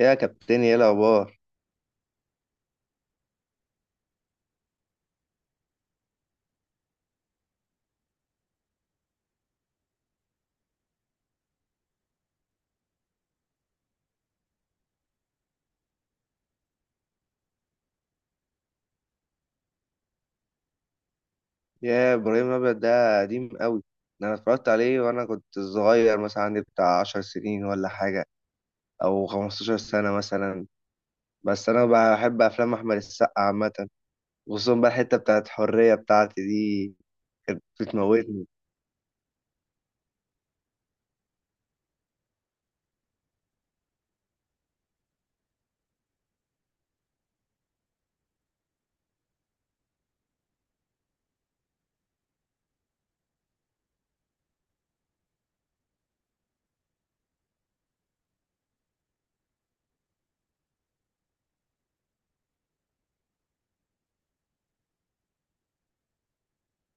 يا كابتن يا الاخبار. يا ابراهيم الابيض ده قديم قوي، ده انا اتفرجت عليه وانا كنت صغير مثلا عندي بتاع 10 سنين ولا حاجه، او 15 سنه مثلا. بس انا بحب افلام احمد السقا عامه، خصوصا بقى الحته بتاعت حريه بتاعتي دي، كانت بتموتني.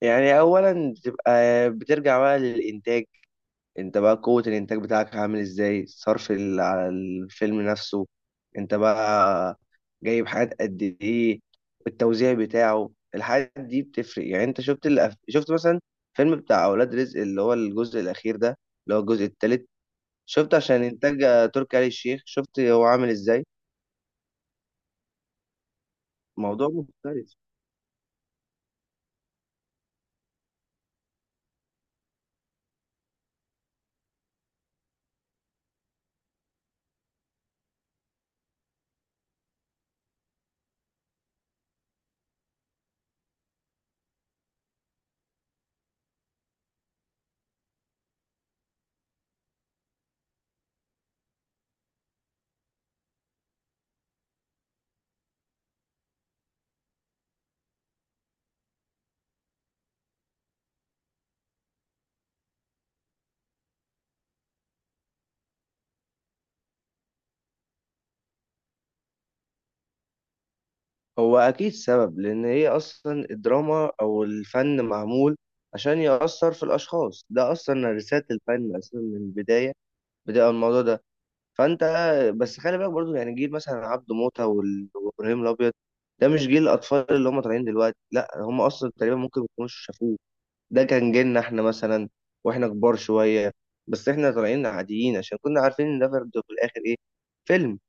يعني اولا بتبقى، بترجع بقى للانتاج، انت بقى قوة الانتاج بتاعك عامل ازاي، الصرف على الفيلم نفسه، انت بقى جايب حاجات قد ايه، التوزيع بتاعه، الحاجات دي بتفرق. يعني انت شفت شفت مثلا فيلم بتاع اولاد رزق اللي هو الجزء الاخير ده، اللي هو الجزء الثالث، شفت عشان انتاج تركي آل الشيخ، شفت هو عامل ازاي، موضوع مختلف. هو اكيد سبب، لان هي اصلا الدراما او الفن معمول عشان يأثر في الاشخاص، ده اصلا رسالة الفن اصلا من البداية بتبقى الموضوع ده. فانت بس خلي بالك برضو، يعني جيل مثلا عبده موته وابراهيم الابيض ده مش جيل الاطفال اللي هم طالعين دلوقتي، لا هم اصلا تقريبا ممكن ما يكونوش شافوه، ده كان جيلنا احنا مثلا واحنا كبار شويه. بس احنا طالعين عاديين عشان كنا عارفين ان ده برضو في الاخر ايه، فيلم.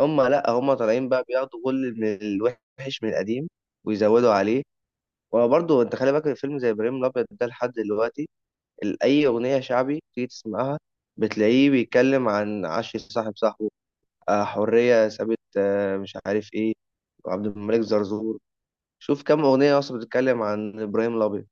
هم لا، هم طالعين بقى بياخدوا كل من الوحش من القديم ويزودوا عليه. وبرضه انت خلي بالك، الفيلم زي ابراهيم الابيض ده لحد دلوقتي، أي أغنية شعبي تيجي تسمعها بتلاقيه بيتكلم عن عش صاحب صاحبه، حرية سابت، مش عارف إيه، وعبد الملك زرزور. شوف كم أغنية أصلا بتتكلم عن إبراهيم الأبيض.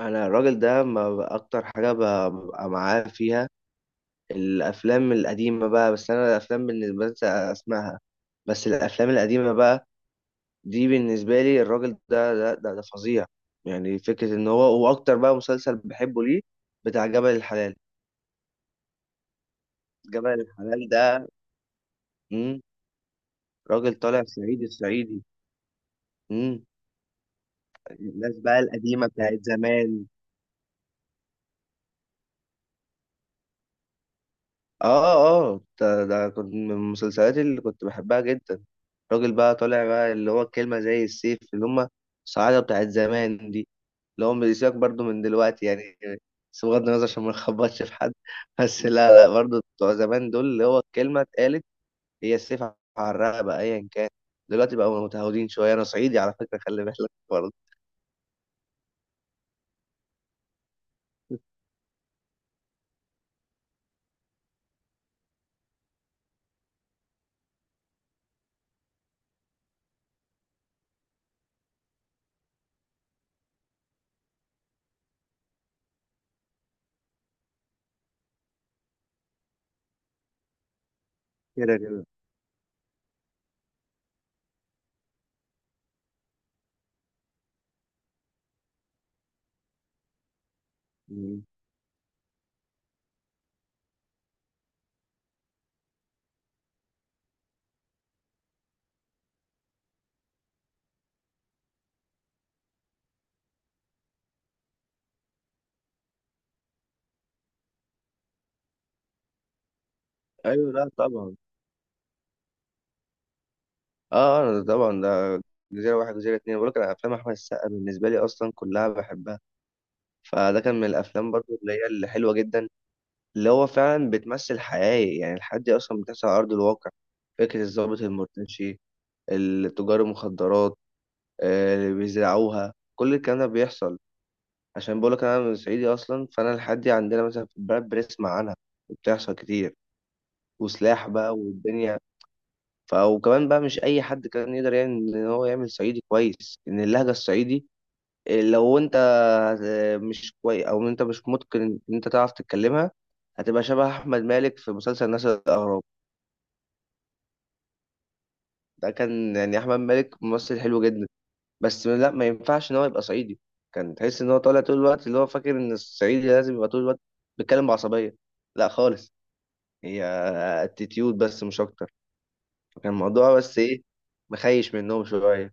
انا الراجل ده ما ب- اكتر حاجه ببقى معاه فيها الافلام القديمه بقى. بس انا الافلام بالنسبه لي اسمعها، بس الافلام القديمه بقى دي بالنسبه لي، الراجل ده ده فظيع. يعني فكره ان هو، واكتر بقى مسلسل بحبه ليه، بتاع جبل الحلال. جبل الحلال ده. مم. راجل طالع صعيدي الصعيدي، مم. الناس بقى القديمة بتاعت زمان. اه. اه، ده كنت من المسلسلات اللي كنت بحبها جدا. راجل بقى طالع بقى اللي هو الكلمة زي السيف، اللي هم الصعايدة بتاعت زمان دي، اللي هم بيسيبك برضو من دلوقتي يعني. بس بغض النظر عشان ما نخبطش في حد بس لا لا، برضو بتوع زمان دول اللي هو الكلمة اتقالت هي السيف على الرقبة ايا كان. دلوقتي بقوا متهودين شوية. انا صعيدي على فكرة خلي بالك، برضه. مم. ايوه، لا طبعا. اه، طبعا ده، جزيره واحد جزيره اتنين، بقول لك انا افلام احمد السقا بالنسبه لي اصلا كلها بحبها. فده كان من الافلام برضو اللي هي اللي حلوه جدا، اللي هو فعلا بتمثل حياه، يعني الحياه دي اصلا بتحصل على ارض الواقع. فكره الضابط المرتشي، التجار المخدرات، اللي بيزرعوها، كل الكلام ده بيحصل. عشان بقول لك انا من صعيدي اصلا، فانا الحياه دي عندنا مثلا في البلد بنسمع عنها، وبتحصل كتير، وسلاح بقى والدنيا. وكمان بقى مش اي حد كان يقدر يعني ان هو يعمل صعيدي كويس، ان اللهجه الصعيدي لو انت مش كويس، او انت مش متقن ان انت تعرف تتكلمها، هتبقى شبه احمد مالك في مسلسل نسل الاغراب. ده كان يعني احمد مالك ممثل حلو جدا، بس لا، ما ينفعش ان هو يبقى صعيدي. كان تحس ان هو طالع طول الوقت اللي هو فاكر ان الصعيدي لازم يبقى طول الوقت بيتكلم بعصبيه، لا خالص. هي اتيتيود بس مش اكتر، فكان الموضوع بس ايه، مخيش منهم شويه.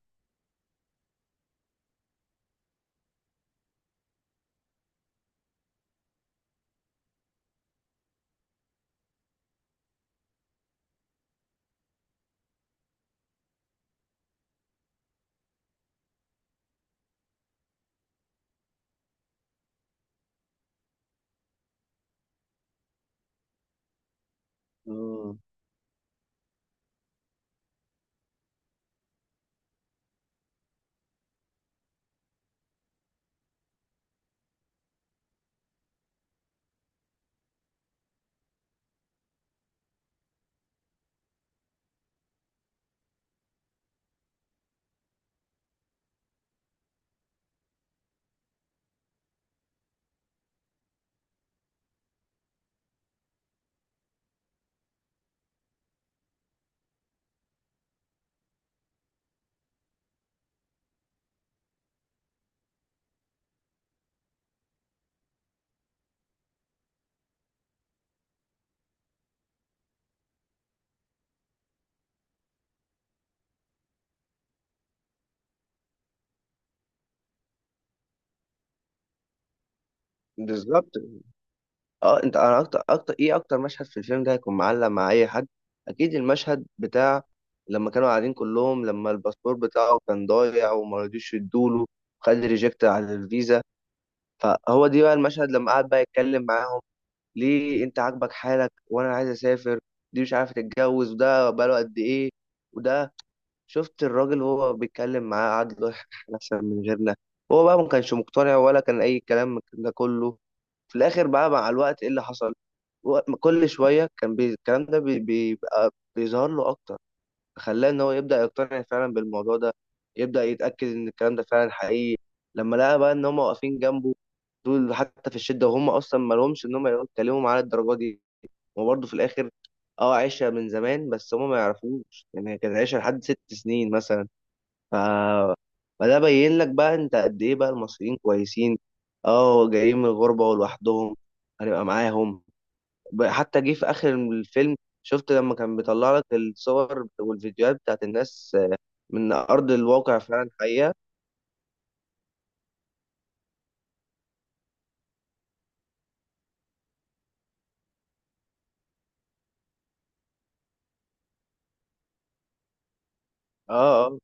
مم. بالظبط. اه انت، انا اكتر مشهد في الفيلم ده هيكون معلق مع اي حد، اكيد المشهد بتاع لما كانوا قاعدين كلهم، لما الباسبور بتاعه كان ضايع وما رضيوش يدوله، خد ريجكت على الفيزا. فهو دي بقى المشهد لما قعد بقى يتكلم معاهم، ليه انت عاجبك حالك وانا عايز اسافر، دي مش عارفه تتجوز وده بقاله قد ايه، وده. شفت الراجل وهو بيتكلم معاه قعد يقول احنا احسن من غيرنا، هو بقى ما كانش مقتنع ولا كان اي كلام من ده كله. في الاخر بقى مع الوقت ايه اللي حصل، كل شويه كان الكلام ده بيبقى بيظهر له اكتر، خلاه ان هو يبدا يقتنع فعلا بالموضوع ده، يبدا يتاكد ان الكلام ده فعلا حقيقي. لما لقى بقى ان هم واقفين جنبه، دول حتى في الشده، وهم اصلا ما لهمش ان هم يتكلموا معاه الدرجه دي. وبرضه في الاخر اه، عشره من زمان، بس هم ما يعرفوش، يعني هي كانت عشره لحد ست سنين مثلا. ف، فده بين لك بقى انت قد ايه بقى المصريين كويسين. اه جايين من الغربة ولوحدهم، هنبقى معاهم. حتى جه في اخر الفيلم، شفت لما كان بيطلع لك الصور والفيديوهات بتاعت الناس من ارض الواقع فعلا حقيقة. اه، اه،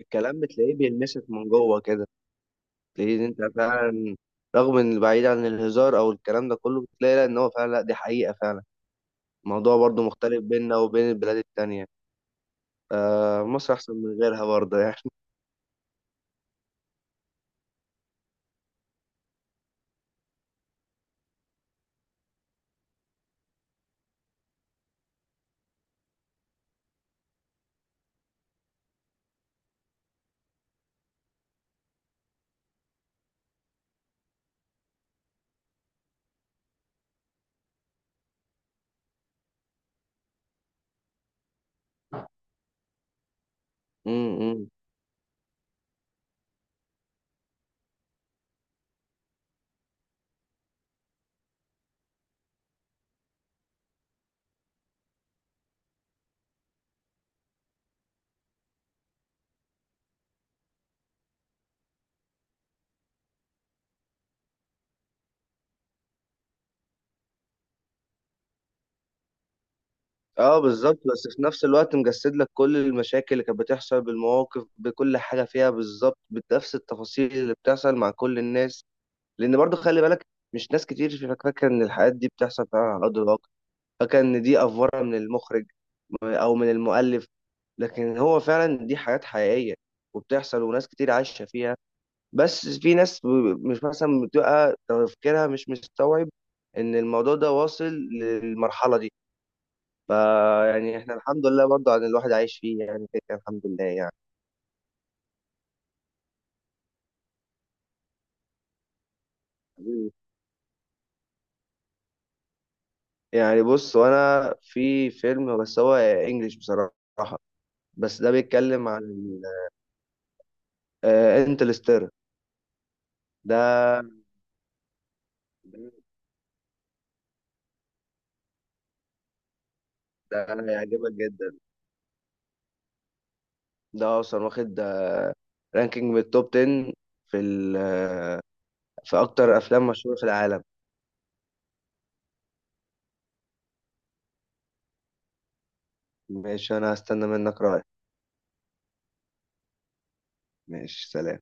الكلام بتلاقيه بيلمسك من جوه كده، تلاقيه إن انت فعلا رغم ان بعيد عن الهزار او الكلام ده كله، بتلاقي لا ان هو فعلا، لا دي حقيقة فعلا. الموضوع برضو مختلف بيننا وبين البلاد التانية، آه مصر احسن من غيرها برضه يعني. امم اه بالظبط، بس في نفس الوقت مجسد لك كل المشاكل اللي كانت بتحصل بالمواقف، بكل حاجه فيها بالظبط، بنفس التفاصيل اللي بتحصل مع كل الناس. لان برضو خلي بالك، مش ناس كتير فاكره ان الحاجات دي بتحصل فعلا على ارض الواقع، فاكره ان دي افوره من المخرج او من المؤلف، لكن هو فعلا دي حاجات حقيقيه وبتحصل، وناس كتير عايشه فيها. بس في ناس مش مثلا بتبقى تفكيرها مش مستوعب ان الموضوع ده واصل للمرحله دي. فيعني احنا الحمد لله برضو، عن الواحد عايش فيه يعني كده كده الحمد لله يعني. حبيبي. يعني بص، وانا في فيلم بس هو انجليش بصراحة، بس ده بيتكلم عن انتلستير. ده ده هيعجبك جدا، ده اصلا واخد رانكينج من التوب 10 في في اكتر افلام مشهورة في العالم. ماشي، انا هستنى منك رأيك. ماشي سلام.